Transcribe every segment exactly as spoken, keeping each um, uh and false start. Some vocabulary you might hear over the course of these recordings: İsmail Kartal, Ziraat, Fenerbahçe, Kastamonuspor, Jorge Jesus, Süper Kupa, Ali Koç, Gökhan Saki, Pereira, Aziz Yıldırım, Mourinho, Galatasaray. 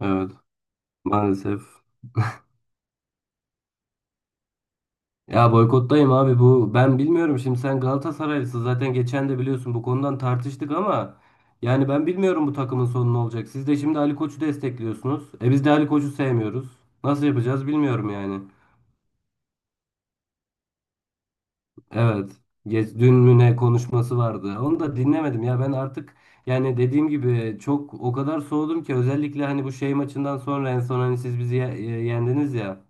Evet, maalesef. Ya boykottayım abi bu. Ben bilmiyorum, şimdi sen Galatasaraylısın zaten, geçen de biliyorsun bu konudan tartıştık ama yani ben bilmiyorum bu takımın sonu ne olacak. Siz de şimdi Ali Koç'u destekliyorsunuz. E biz de Ali Koç'u sevmiyoruz. Nasıl yapacağız bilmiyorum yani. Evet. Geç, dün mü ne konuşması vardı. Onu da dinlemedim ya ben artık, yani dediğim gibi çok o kadar soğudum ki, özellikle hani bu şey maçından sonra, en son hani siz bizi ye- e, yendiniz ya.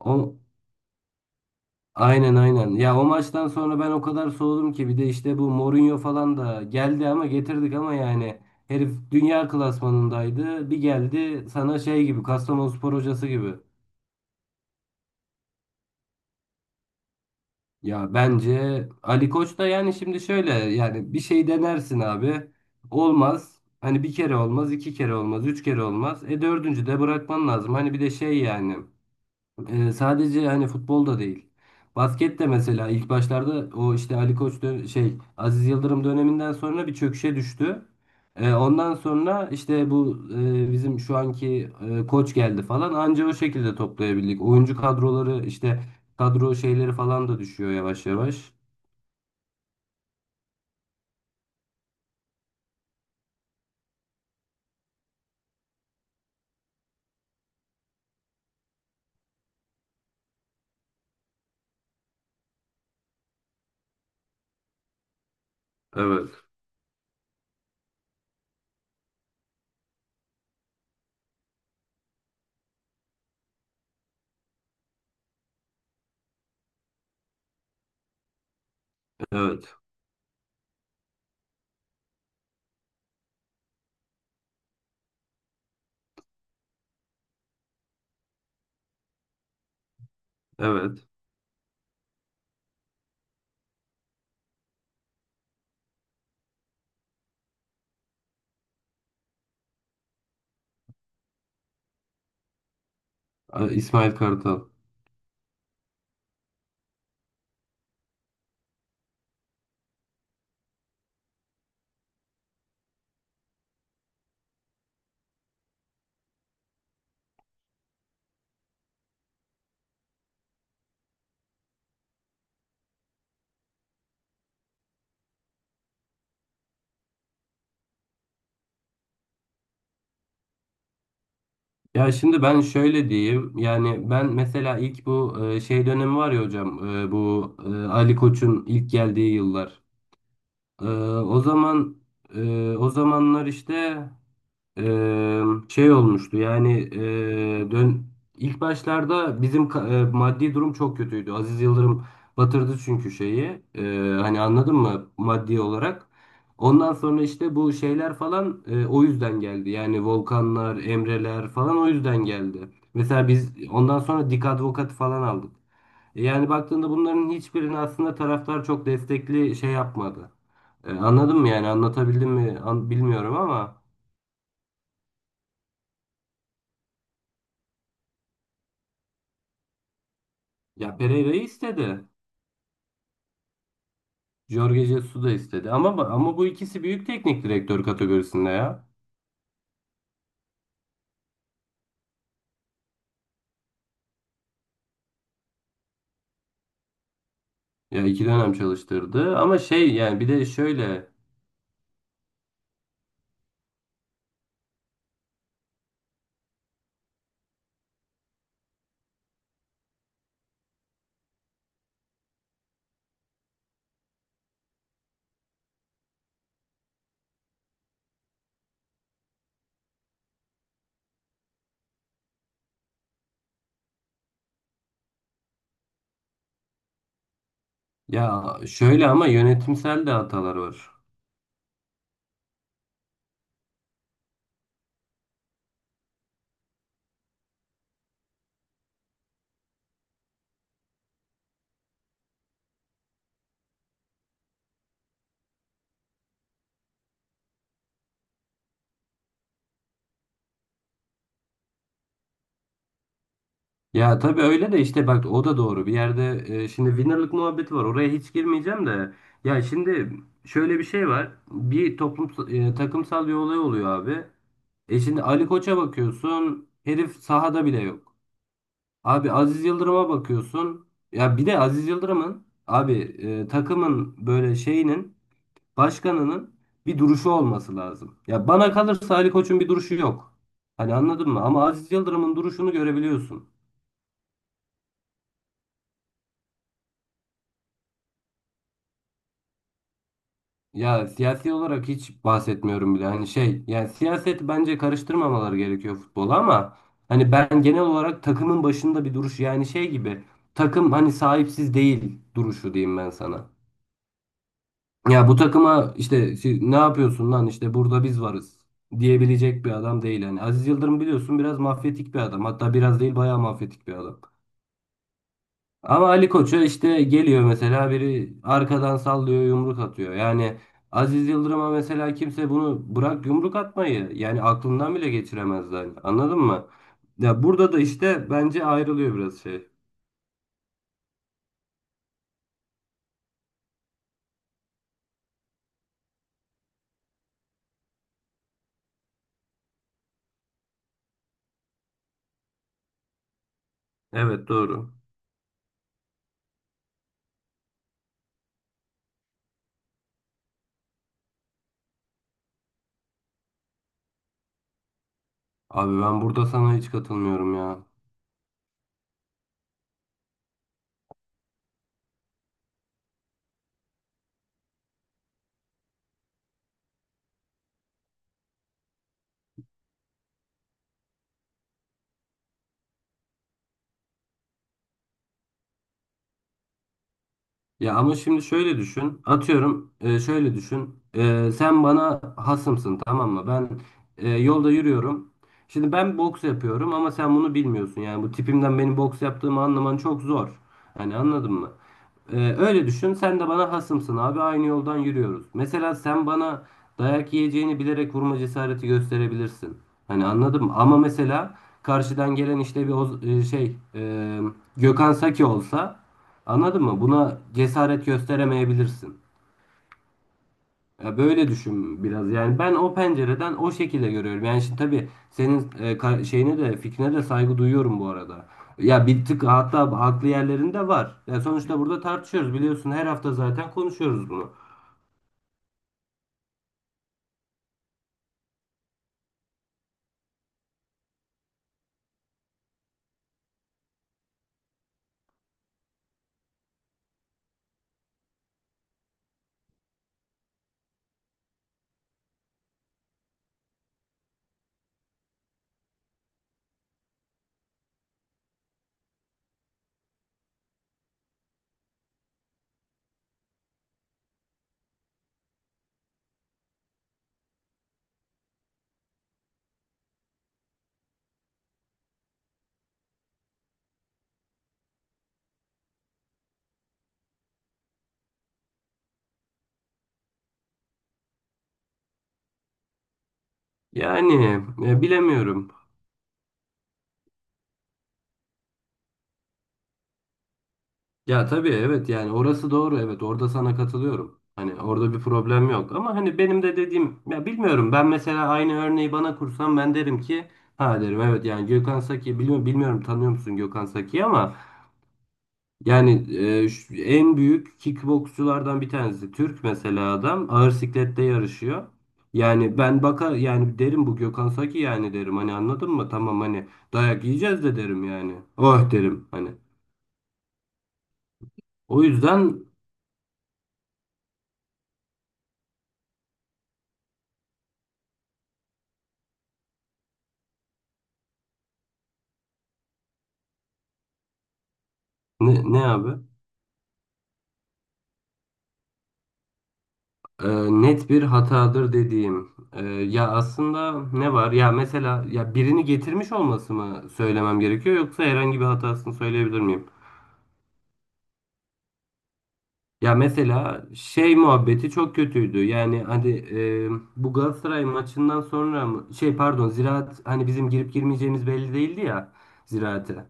O, Aynen, aynen. Ya o maçtan sonra ben o kadar soğudum ki, bir de işte bu Mourinho falan da geldi, ama getirdik ama yani herif dünya klasmanındaydı. Bir geldi sana şey gibi, Kastamonuspor hocası gibi. Ya bence Ali Koç da, yani şimdi şöyle yani, bir şey denersin abi. Olmaz. Hani bir kere olmaz, iki kere olmaz, üç kere olmaz. E dördüncü de bırakman lazım. Hani bir de şey yani. Ee, sadece hani futbolda değil, basket de. Mesela ilk başlarda, o işte Ali Koç dö- şey Aziz Yıldırım döneminden sonra bir çöküşe düştü. Ee, ondan sonra işte bu e, bizim şu anki e, koç geldi falan, anca o şekilde toplayabildik. Oyuncu kadroları işte, kadro şeyleri falan da düşüyor yavaş yavaş. Evet, evet, evet. Ee, İsmail Kartal. Ya şimdi ben şöyle diyeyim. Yani ben mesela, ilk bu e, şey dönemi var ya hocam. e, Bu e, Ali Koç'un ilk geldiği yıllar. E, O zaman, e, o zamanlar işte Eee, şey olmuştu yani, eee, dön ilk başlarda bizim ka- eee, maddi durum çok kötüydü. Aziz Yıldırım batırdı çünkü şeyi. Eee, hani anladın mı, maddi olarak. Ondan sonra işte bu şeyler falan eee, o yüzden geldi. Yani Volkanlar, Emreler falan o yüzden geldi. Mesela biz ondan sonra Dik Advokat falan aldık. E Yani baktığında bunların hiçbirini aslında taraftar çok destekli şey yapmadı. E, anladın mı, yani anlatabildim mi An- bilmiyorum ama. Ya Pereira'yı istedi. Jorge Jesus da istedi. Ama ama bu ikisi büyük teknik direktör kategorisinde ya. Ya iki dönem çalıştırdı. Ama şey yani, bir de şöyle. Ya şöyle ama, yönetimsel de hatalar var. Ya tabii öyle de, işte bak, o da doğru. Bir yerde e, şimdi winner'lık muhabbeti var. Oraya hiç girmeyeceğim de. Ya şimdi şöyle bir şey var. Bir toplum, e, takımsal bir olay oluyor abi. E şimdi Ali Koç'a bakıyorsun. Herif sahada bile yok. Abi, Aziz Yıldırım'a bakıyorsun. Ya bir de Aziz Yıldırım'ın abi, e, takımın böyle şeyinin, başkanının bir duruşu olması lazım. Ya bana kalırsa Ali Koç'un bir duruşu yok. Hani anladın mı? Ama Aziz Yıldırım'ın duruşunu görebiliyorsun. Ya siyasi olarak hiç bahsetmiyorum bile. Hani şey yani, siyaset bence karıştırmamaları gerekiyor futbola ama hani ben genel olarak takımın başında bir duruş, yani şey gibi, takım hani sahipsiz değil duruşu, diyeyim ben sana. Ya bu takıma işte, "Siz ne yapıyorsun lan, işte burada biz varız" diyebilecek bir adam değil. Yani Aziz Yıldırım biliyorsun biraz mafyatik bir adam. Hatta biraz değil, bayağı mafyatik bir adam. Ama Ali Koç'a işte geliyor mesela biri arkadan sallıyor, yumruk atıyor. Yani Aziz Yıldırım'a mesela kimse bunu, bırak yumruk atmayı, yani aklından bile geçiremez yani. Anladın mı? Ya burada da işte bence ayrılıyor biraz şey. Evet, doğru. Abi ben burada sana hiç katılmıyorum ya. Ya ama şimdi şöyle düşün. Atıyorum, e, şöyle düşün. E, sen bana hasımsın, tamam mı? Ben e, yolda yürüyorum. Şimdi ben boks yapıyorum ama sen bunu bilmiyorsun. Yani bu tipimden benim boks yaptığımı anlaman çok zor. Hani anladın mı? E, öyle düşün. Sen de bana hasımsın abi. Aynı yoldan yürüyoruz. Mesela sen bana, dayak yiyeceğini bilerek, vurma cesareti gösterebilirsin. Hani anladın mı? Ama mesela, karşıdan gelen işte bir Oz- e, şey e, Gökhan Saki olsa. Anladın mı? Buna cesaret gösteremeyebilirsin. Ya böyle düşün biraz. Yani ben o pencereden o şekilde görüyorum. Yani şimdi tabii, senin e, ka- şeyine de, fikrine de saygı duyuyorum bu arada. Ya bir tık hatta haklı yerlerinde var. Ya sonuçta burada tartışıyoruz, biliyorsun. Her hafta zaten konuşuyoruz bunu. Yani e, bilemiyorum. Ya tabii, evet yani orası doğru, evet, orada sana katılıyorum. Hani orada bir problem yok, ama hani benim de dediğim ya, bilmiyorum, ben mesela aynı örneği bana kursam, ben derim ki, ha derim, evet yani Gökhan Saki, bilmiyorum, bilmiyorum tanıyor musun Gökhan Saki'yi ama yani, e, şu- en büyük kickboksçulardan bir tanesi, Türk mesela, adam ağır siklette yarışıyor. Yani ben baka yani derim, bu Gökhan Saki, yani derim, hani anladın mı? Tamam, hani dayak yiyeceğiz de derim yani. Oh derim hani. O yüzden. Ne, ne abi? e, net bir hatadır dediğim. E, ya aslında ne var? Ya mesela, ya birini getirmiş olması mı söylemem gerekiyor, yoksa herhangi bir hatasını söyleyebilir miyim? Ya mesela şey muhabbeti çok kötüydü. Yani hani e, bu Galatasaray maçından sonra mı- şey pardon, Ziraat, hani bizim girip girmeyeceğimiz belli değildi ya Ziraat'e.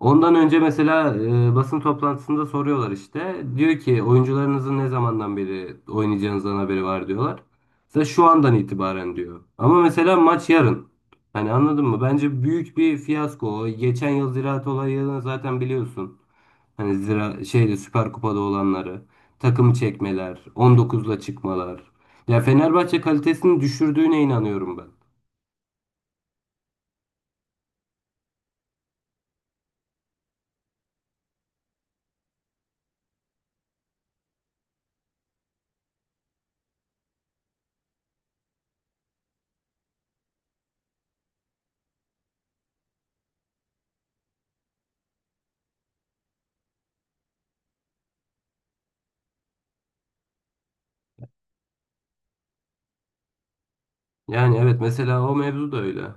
Ondan önce mesela e, basın toplantısında soruyorlar işte. Diyor ki, oyuncularınızın ne zamandan beri oynayacağınızdan haberi var, diyorlar. Mesela şu andan itibaren, diyor. Ama mesela maç yarın. Hani anladın mı? Bence büyük bir fiyasko. o. Geçen yıl Ziraat olayını zaten biliyorsun. Hani zira şeyde, Süper Kupa'da olanları, takım çekmeler, on dokuzla çıkmalar. Ya Fenerbahçe kalitesini düşürdüğüne inanıyorum ben. Yani evet, mesela o mevzu da öyle.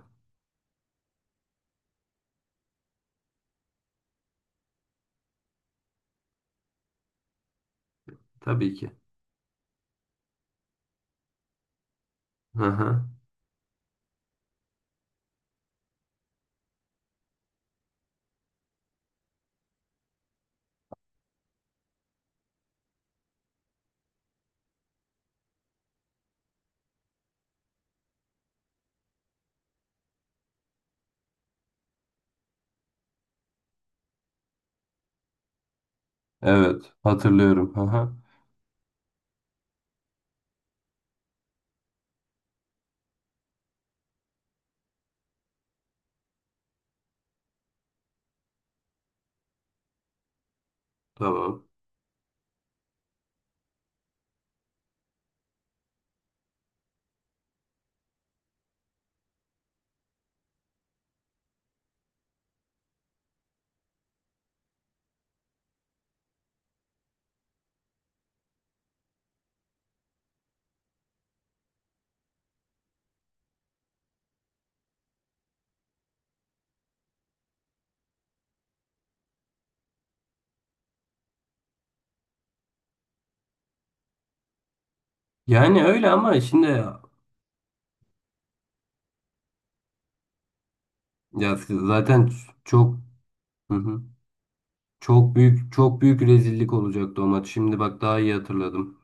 Tabii ki. Hı hı. Evet, hatırlıyorum. Aha, tamam. Yani öyle ama şimdi, ya zaten çok, hı hı, çok büyük, çok büyük rezillik olacaktı o maç. Şimdi bak, daha iyi hatırladım.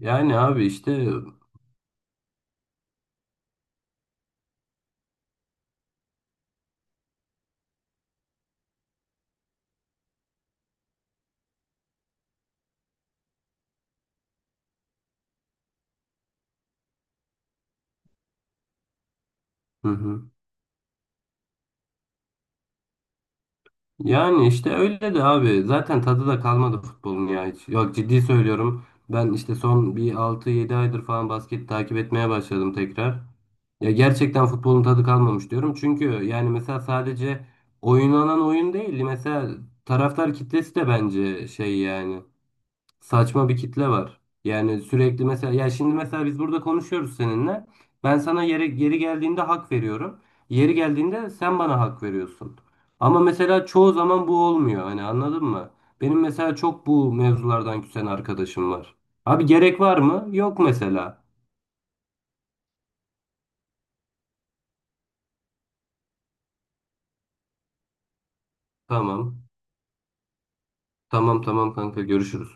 Yani abi işte. Hı hı. Yani işte öyle de abi. Zaten tadı da kalmadı futbolun ya, hiç. Yok, ciddi söylüyorum. Ben işte son bir altı yedi aydır falan basket takip etmeye başladım tekrar. Ya gerçekten futbolun tadı kalmamış diyorum. Çünkü yani mesela, sadece oynanan oyun değil. Mesela taraftar kitlesi de bence şey yani, saçma bir kitle var. Yani sürekli mesela, ya şimdi mesela biz burada konuşuyoruz seninle. Ben sana yeri, yeri geldiğinde hak veriyorum. Yeri geldiğinde sen bana hak veriyorsun. Ama mesela çoğu zaman bu olmuyor. Hani anladın mı? Benim mesela çok bu mevzulardan küsen arkadaşım var. Abi gerek var mı? Yok mesela. Tamam. Tamam, tamam kanka, görüşürüz.